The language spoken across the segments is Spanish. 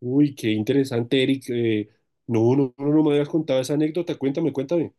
Uy, qué interesante, Eric. No, no, no, no me habías contado esa anécdota. Cuéntame, cuéntame.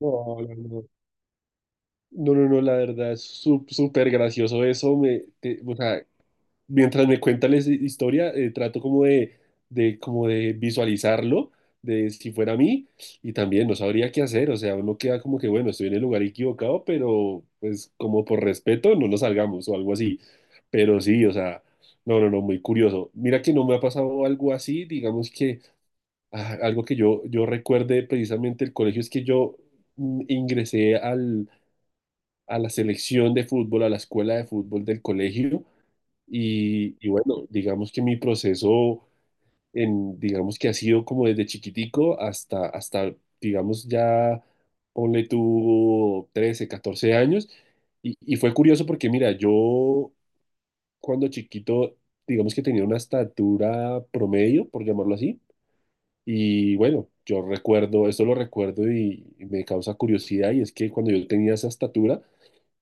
No, no, no, no, no, no, la verdad es súper gracioso eso. O sea, mientras me cuentas la historia, trato como como de visualizarlo, de si fuera a mí, y también no sabría qué hacer. O sea, uno queda como que, bueno, estoy en el lugar equivocado, pero pues como por respeto no nos salgamos o algo así. Pero sí, o sea, no, no, no, muy curioso. Mira que no me ha pasado algo así, digamos que... ah, algo que yo recuerde precisamente el colegio es que yo mm, ingresé al, a la selección de fútbol, a la escuela de fútbol del colegio y bueno, digamos que mi proceso en, digamos que ha sido como desde chiquitico hasta digamos ya, ponle tú 13, 14 años y fue curioso porque mira, yo cuando chiquito, digamos que tenía una estatura promedio, por llamarlo así, y bueno, yo recuerdo, esto lo recuerdo y me causa curiosidad, y es que cuando yo tenía esa estatura,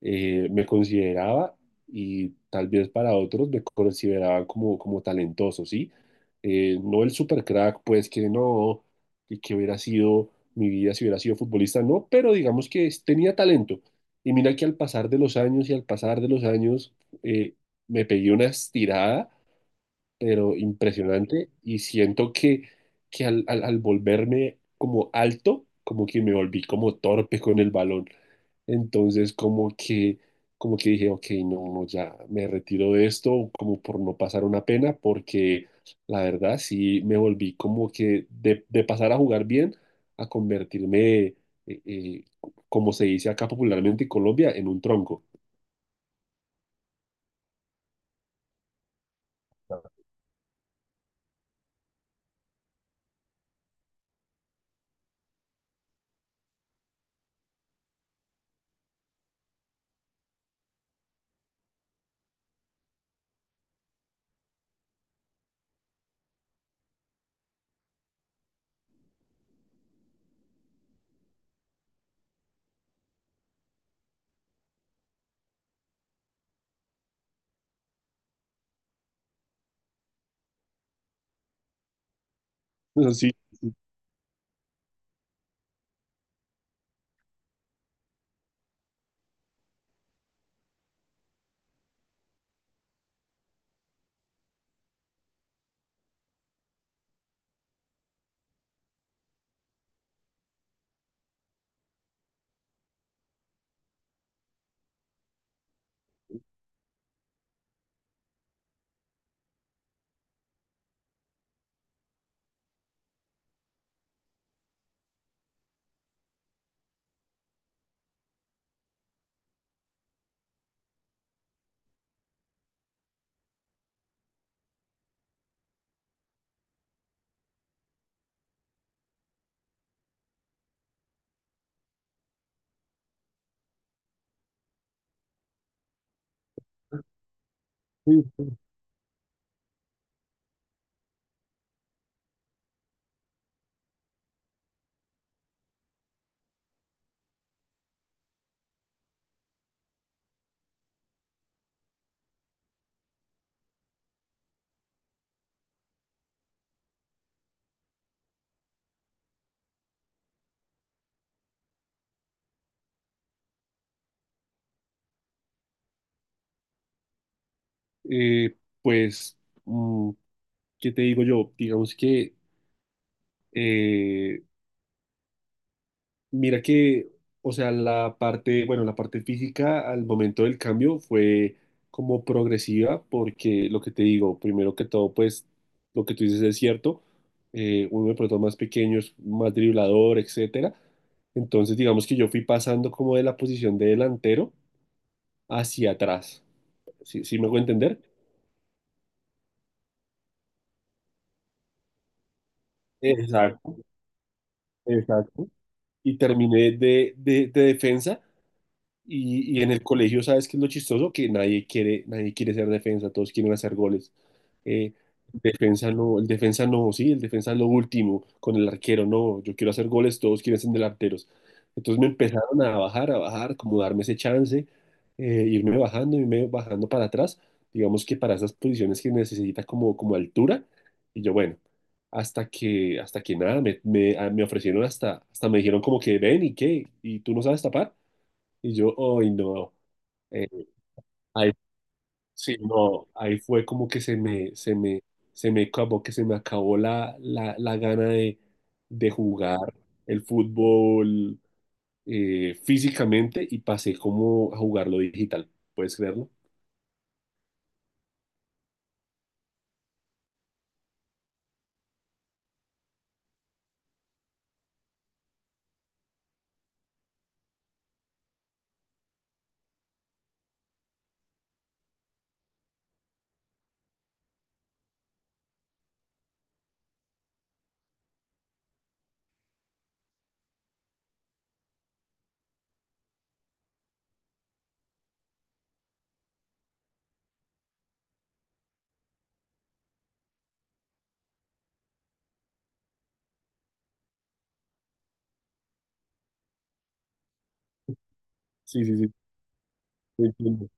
me consideraba, y tal vez para otros me consideraba como, como talentoso, ¿sí? No el super crack, pues que no, y que hubiera sido mi vida si hubiera sido futbolista, no, pero digamos que tenía talento. Y mira que al pasar de los años y al pasar de los años, eh, me pegué una estirada pero impresionante y siento que al volverme como alto, como que me volví como torpe con el balón. Entonces como que dije, ok, no, no, ya me retiro de esto como por no pasar una pena, porque la verdad sí me volví como que de pasar a jugar bien a convertirme, eh, como se dice acá popularmente en Colombia, en un tronco. Así, eh, pues... mm, ¿Qué te digo yo? Digamos que, eh, mira que, o sea, la parte, bueno, la parte física al momento del cambio fue como progresiva, porque lo que te digo, primero que todo, pues, lo que tú dices es cierto, uno de pronto más pequeño es más driblador, etcétera. Entonces, digamos que yo fui pasando como de la posición de delantero hacia atrás. ¿Sí, sí me hago entender? Exacto, exacto. Y terminé de defensa. Y en el colegio, ¿sabes qué es lo chistoso? Que nadie quiere, nadie quiere ser defensa, todos quieren hacer goles. Eh, Defensa no, el defensa no, sí, el defensa es lo último, con el arquero no, yo quiero hacer goles, todos quieren ser delanteros. Entonces me empezaron a bajar, como darme ese chance, irme bajando para atrás, digamos que para esas posiciones que necesita como, como altura. Y yo, bueno, hasta que nada, me ofrecieron hasta me dijeron como que ven y qué, y tú no sabes tapar. Y yo, ay, no. Eh, Ahí, sí, no, ahí fue como que se me acabó, que se me acabó la gana de jugar el fútbol físicamente y pasé como a jugarlo digital. ¿Puedes creerlo? Sí, sí, sí.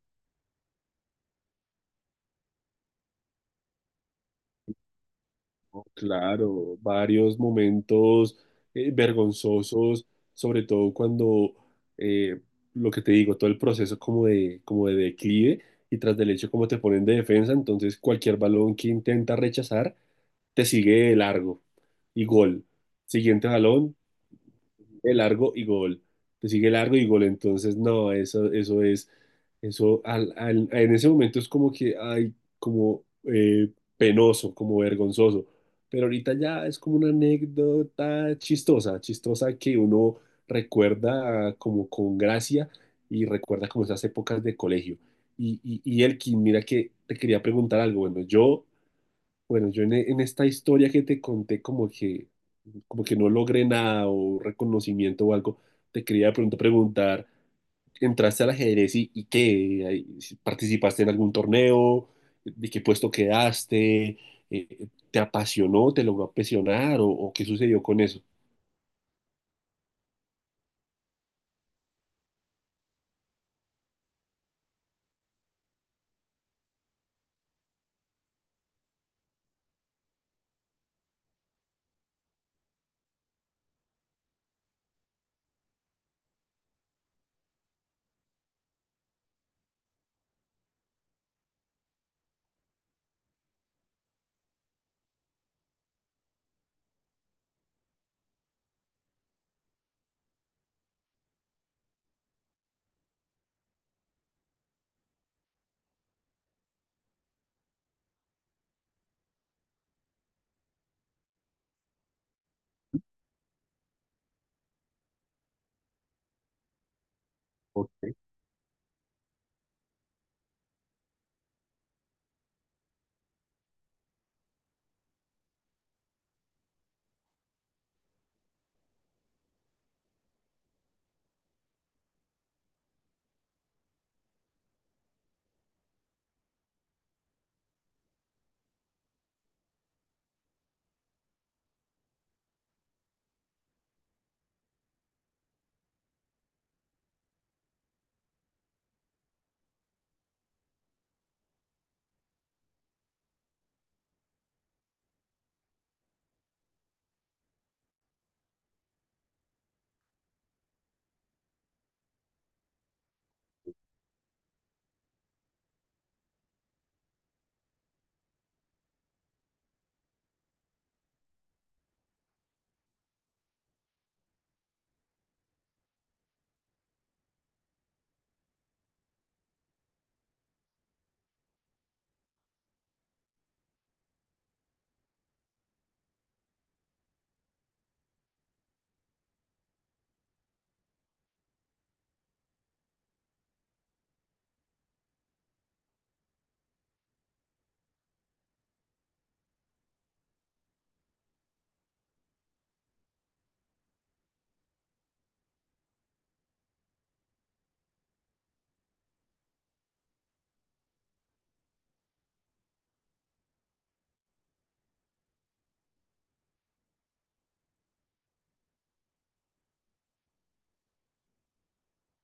Claro, varios momentos vergonzosos, sobre todo cuando eh, lo que te digo, todo el proceso como de declive y tras del hecho como te ponen de defensa, entonces cualquier balón que intenta rechazar te sigue de largo y gol. Siguiente balón, sigue largo y gol. Te sigue largo y gol. Entonces, no, eso es, eso en ese momento es como que, ay, como penoso, como vergonzoso. Pero ahorita ya es como una anécdota chistosa, chistosa que uno recuerda como con gracia y recuerda como esas épocas de colegio. Y Elkin, mira que te quería preguntar algo. Bueno, yo bueno, yo en esta historia que te conté como que no logré nada o reconocimiento o algo, te quería de pronto preguntar, ¿entraste al ajedrez y qué? Ahí, si ¿participaste en algún torneo? ¿De qué puesto quedaste? ¿Te apasionó? ¿Te logró apasionar? O qué sucedió con eso? Ok.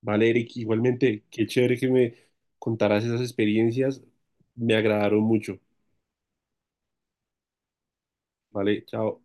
Vale, Eric, igualmente, qué chévere que me contaras esas experiencias, me agradaron mucho. Vale, chao.